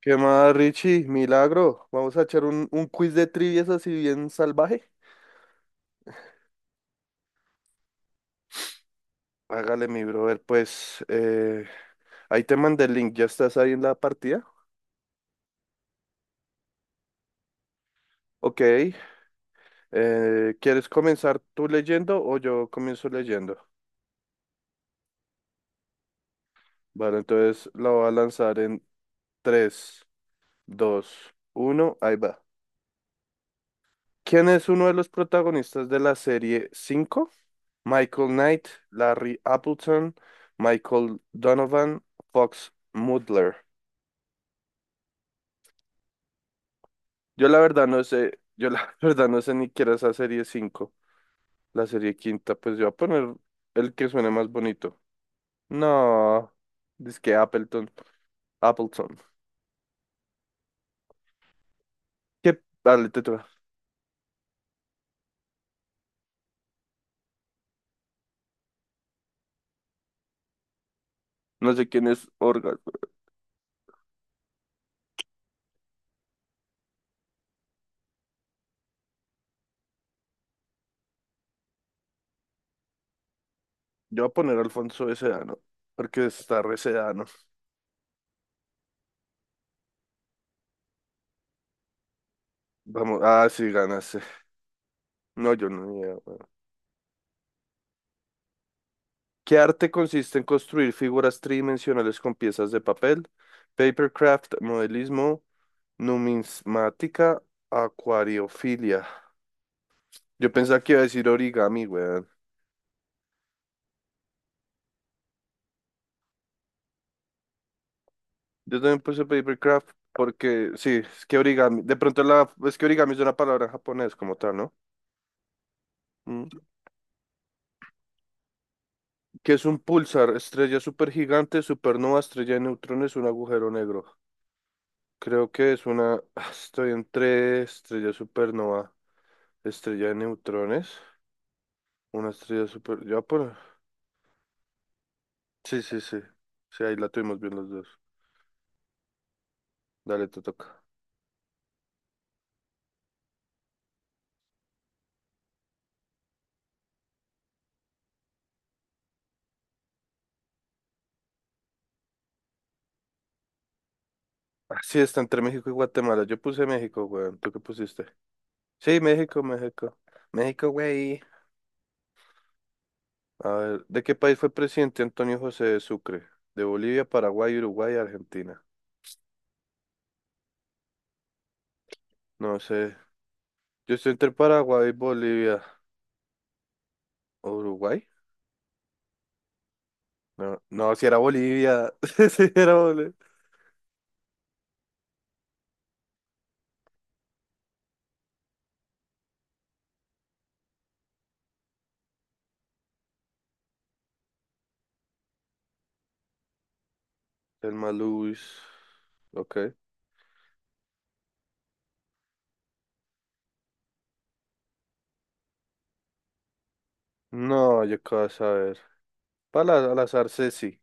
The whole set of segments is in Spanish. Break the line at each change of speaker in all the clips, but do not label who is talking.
¿Qué más, Richie? Milagro. Vamos a echar un quiz de trivias así bien salvaje. Hágale, mi brother, pues ahí te mandé el link. ¿Ya estás ahí en la partida? Ok. ¿Quieres comenzar tú leyendo o yo comienzo leyendo? Vale, entonces la voy a lanzar en tres, dos, uno. Ahí va. ¿Quién es uno de los protagonistas de la serie 5? Michael Knight, Larry Appleton, Michael Donovan, Fox Mudler. Yo la verdad no sé, yo la verdad no sé ni qué era esa serie cinco, la serie quinta. Pues yo voy a poner el que suene más bonito. No, dice que Appleton, Appleton. ¿Qué? Dale, te toca. No sé quién es Orga. Yo voy a poner Alfonso de Sedano, porque está re Sedano. Vamos, ah, sí, ganaste. No, yo no. Ni idea, weón. ¿Qué arte consiste en construir figuras tridimensionales con piezas de papel? Papercraft, modelismo, numismática, acuariofilia. Yo pensaba que iba a decir origami, weón. Yo también puse papercraft porque, sí, es que origami, de pronto es que origami es una palabra en japonés como tal, ¿no? Mm. Que es un pulsar, estrella supergigante, supernova, estrella de neutrones, un agujero negro. Creo que es una, estoy entre estrella supernova, estrella de neutrones, una estrella super, ya por, sí, sí, sí, sí, ahí la tuvimos bien los dos. Dale, te toca. Ah, sí, está entre México y Guatemala. Yo puse México, weón. ¿Tú qué pusiste? Sí, México, México. México, güey. A ver, ¿de qué país fue presidente Antonio José de Sucre? De Bolivia, Paraguay, Uruguay, Argentina. No sé. Yo estoy entre Paraguay, Bolivia. ¿O Uruguay? No, no, si era Bolivia. Si era Bolivia. El Malus. Ok. No, yo qué vas a ver. Para al azar, Ceci.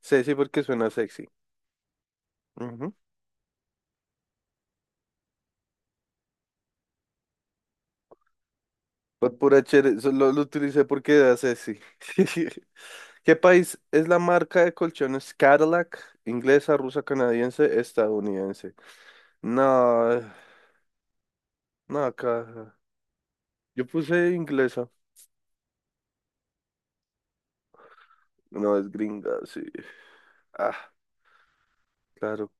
Ceci porque suena sexy. Ujú. Pues por pura chere, eso lo utilicé porque era sexy. ¿Qué país es la marca de colchones Cadillac? Inglesa, rusa, canadiense, estadounidense. No, no, acá. Yo puse inglesa. No, es gringa, sí. Ah, claro.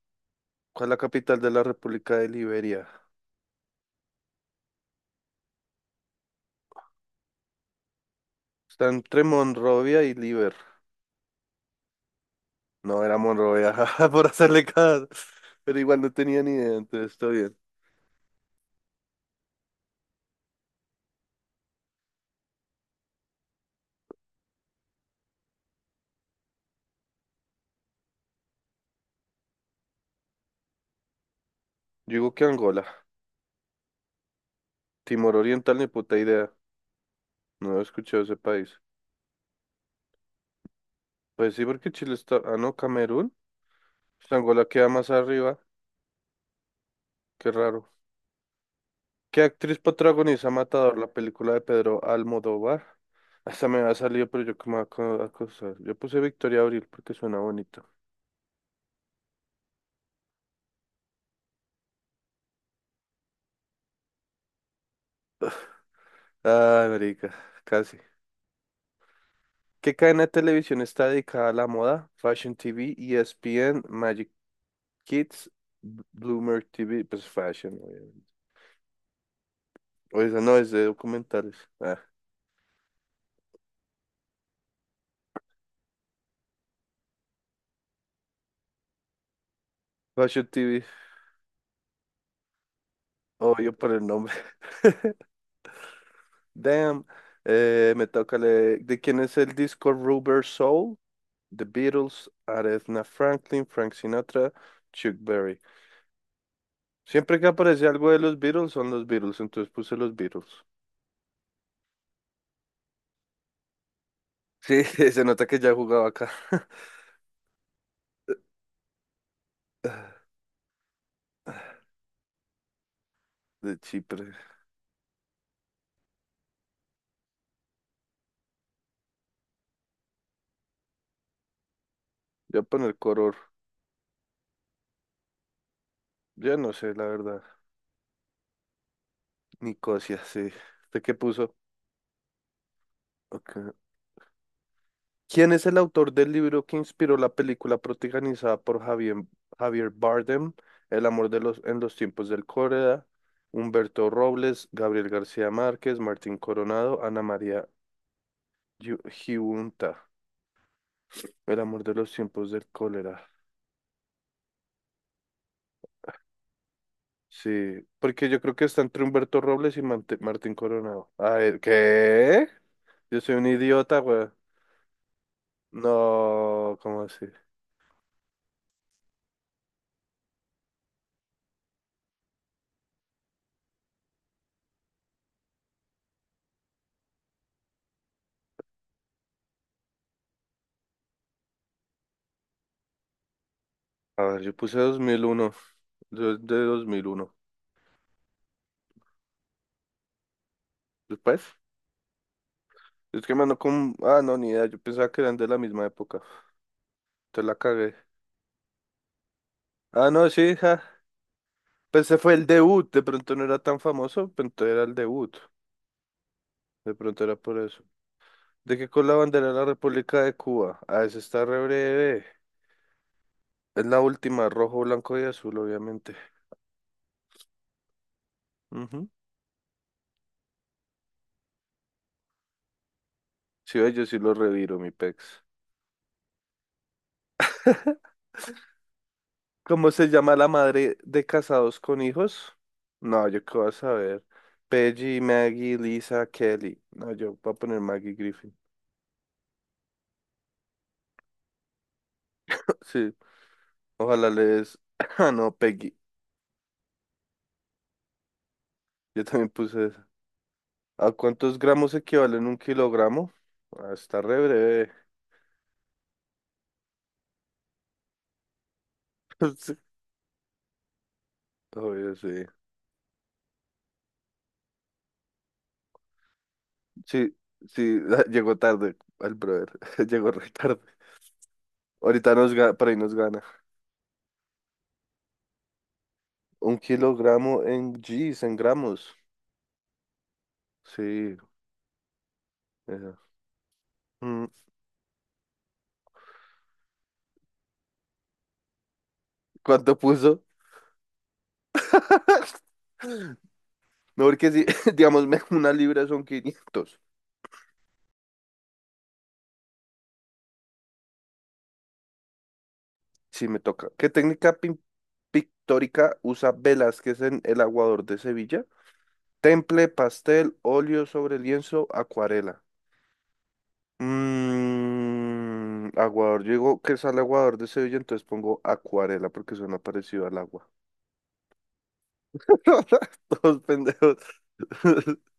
¿Cuál es la capital de la República de Liberia? Está entre Monrovia y Liber. No, era Monrovia, por hacerle caso. Pero igual no tenía ni idea, entonces está bien. Yo digo que Angola. Timor Oriental, ni puta idea. No he escuchado ese país. Pues sí, porque Chile está... Ah, no, Camerún. Pues Angola queda más arriba. Qué raro. ¿Qué actriz protagoniza Matador, la película de Pedro Almodóvar? Hasta me ha salido, pero yo como acosar. Yo puse Victoria Abril porque suena bonito. Ay, marica, casi. ¿Qué cadena de televisión está dedicada a la moda? Fashion TV, ESPN, Magic Kids, Bloomer TV. Pues Fashion, obviamente. O esa no es de documentales. Ah, Fashion TV, obvio por el nombre. Damn. Me toca ¿de quién es el disco Rubber Soul? The Beatles, Aretha Franklin, Frank Sinatra, Chuck Berry. Siempre que aparece algo de los Beatles son los Beatles, entonces puse los Beatles. Sí, se nota que ya jugaba acá. De Chipre. Voy a poner color. Yo no sé, la verdad. Nicosia, sí. ¿Usted qué puso? Ok. ¿Quién es el autor del libro que inspiró la película protagonizada por Javier Bardem, El amor de los, en los tiempos del cólera? Humberto Robles, Gabriel García Márquez, Martín Coronado, Ana María Giunta. El amor de los tiempos del cólera. Sí, porque yo creo que está entre Humberto Robles y Martín Coronado. A ver, ¿qué? Yo soy un idiota, güey. No, ¿cómo así? A ver, yo puse 2001. Yo de 2001. ¿Después? Es que, mano, como... Ah, no, ni idea. Yo pensaba que eran de la misma época. Entonces la cagué. Ah, no, sí, ja. Pues ese fue el debut. De pronto no era tan famoso, pero entonces era el debut. De pronto era por eso. ¿De qué color la bandera de la República de Cuba? Ah, esa está re breve. Es la última, rojo, blanco y azul, obviamente. Ujú. Sí, ve, yo sí lo reviro, mi pex. ¿Cómo se llama la madre de casados con hijos? No, yo qué voy a saber. Peggy, Maggie, Lisa, Kelly. No, yo voy a poner Maggie Griffin. Sí. Ojalá les... Ah, no, Peggy. Yo también puse esa. ¿A cuántos gramos equivalen un kilogramo? Ah, está re breve. Sí, obvio, sí. Sí, sí, llegó tarde el brother. Llegó re tarde. Ahorita nos gana, por ahí nos gana. Un kilogramo en Gs, en gramos. Sí. Esa. Mm, ¿cuánto puso? No, porque si, digamos, una libra son 500. Sí, me toca. ¿Qué técnica pictórica usa Velázquez en El aguador de Sevilla? Temple, pastel, óleo sobre lienzo, acuarela. Mm, aguador, yo digo que sale aguador de Sevilla, entonces pongo acuarela porque suena parecido al agua. Todos pendejos.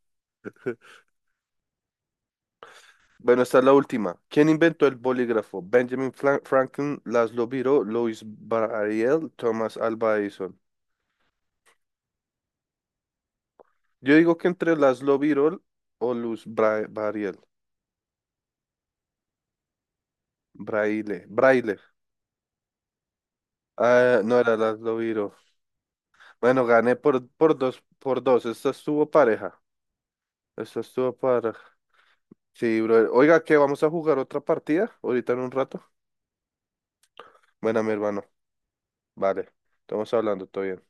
Bueno, esta es la última. ¿Quién inventó el bolígrafo? Benjamin Franklin, Laszlo Birol, Louis Braille, Thomas Alva Edison. Yo digo que entre Laszlo Birol o Louis Braille. Braille. Braille. Ah, no era Laszlo Birol. Bueno, gané por, dos, por dos. Esta estuvo pareja. Esta estuvo pareja. Sí, brother. Oiga, ¿qué? ¿Vamos a jugar otra partida? Ahorita en un rato. Bueno, mi hermano. Vale. Estamos hablando todavía.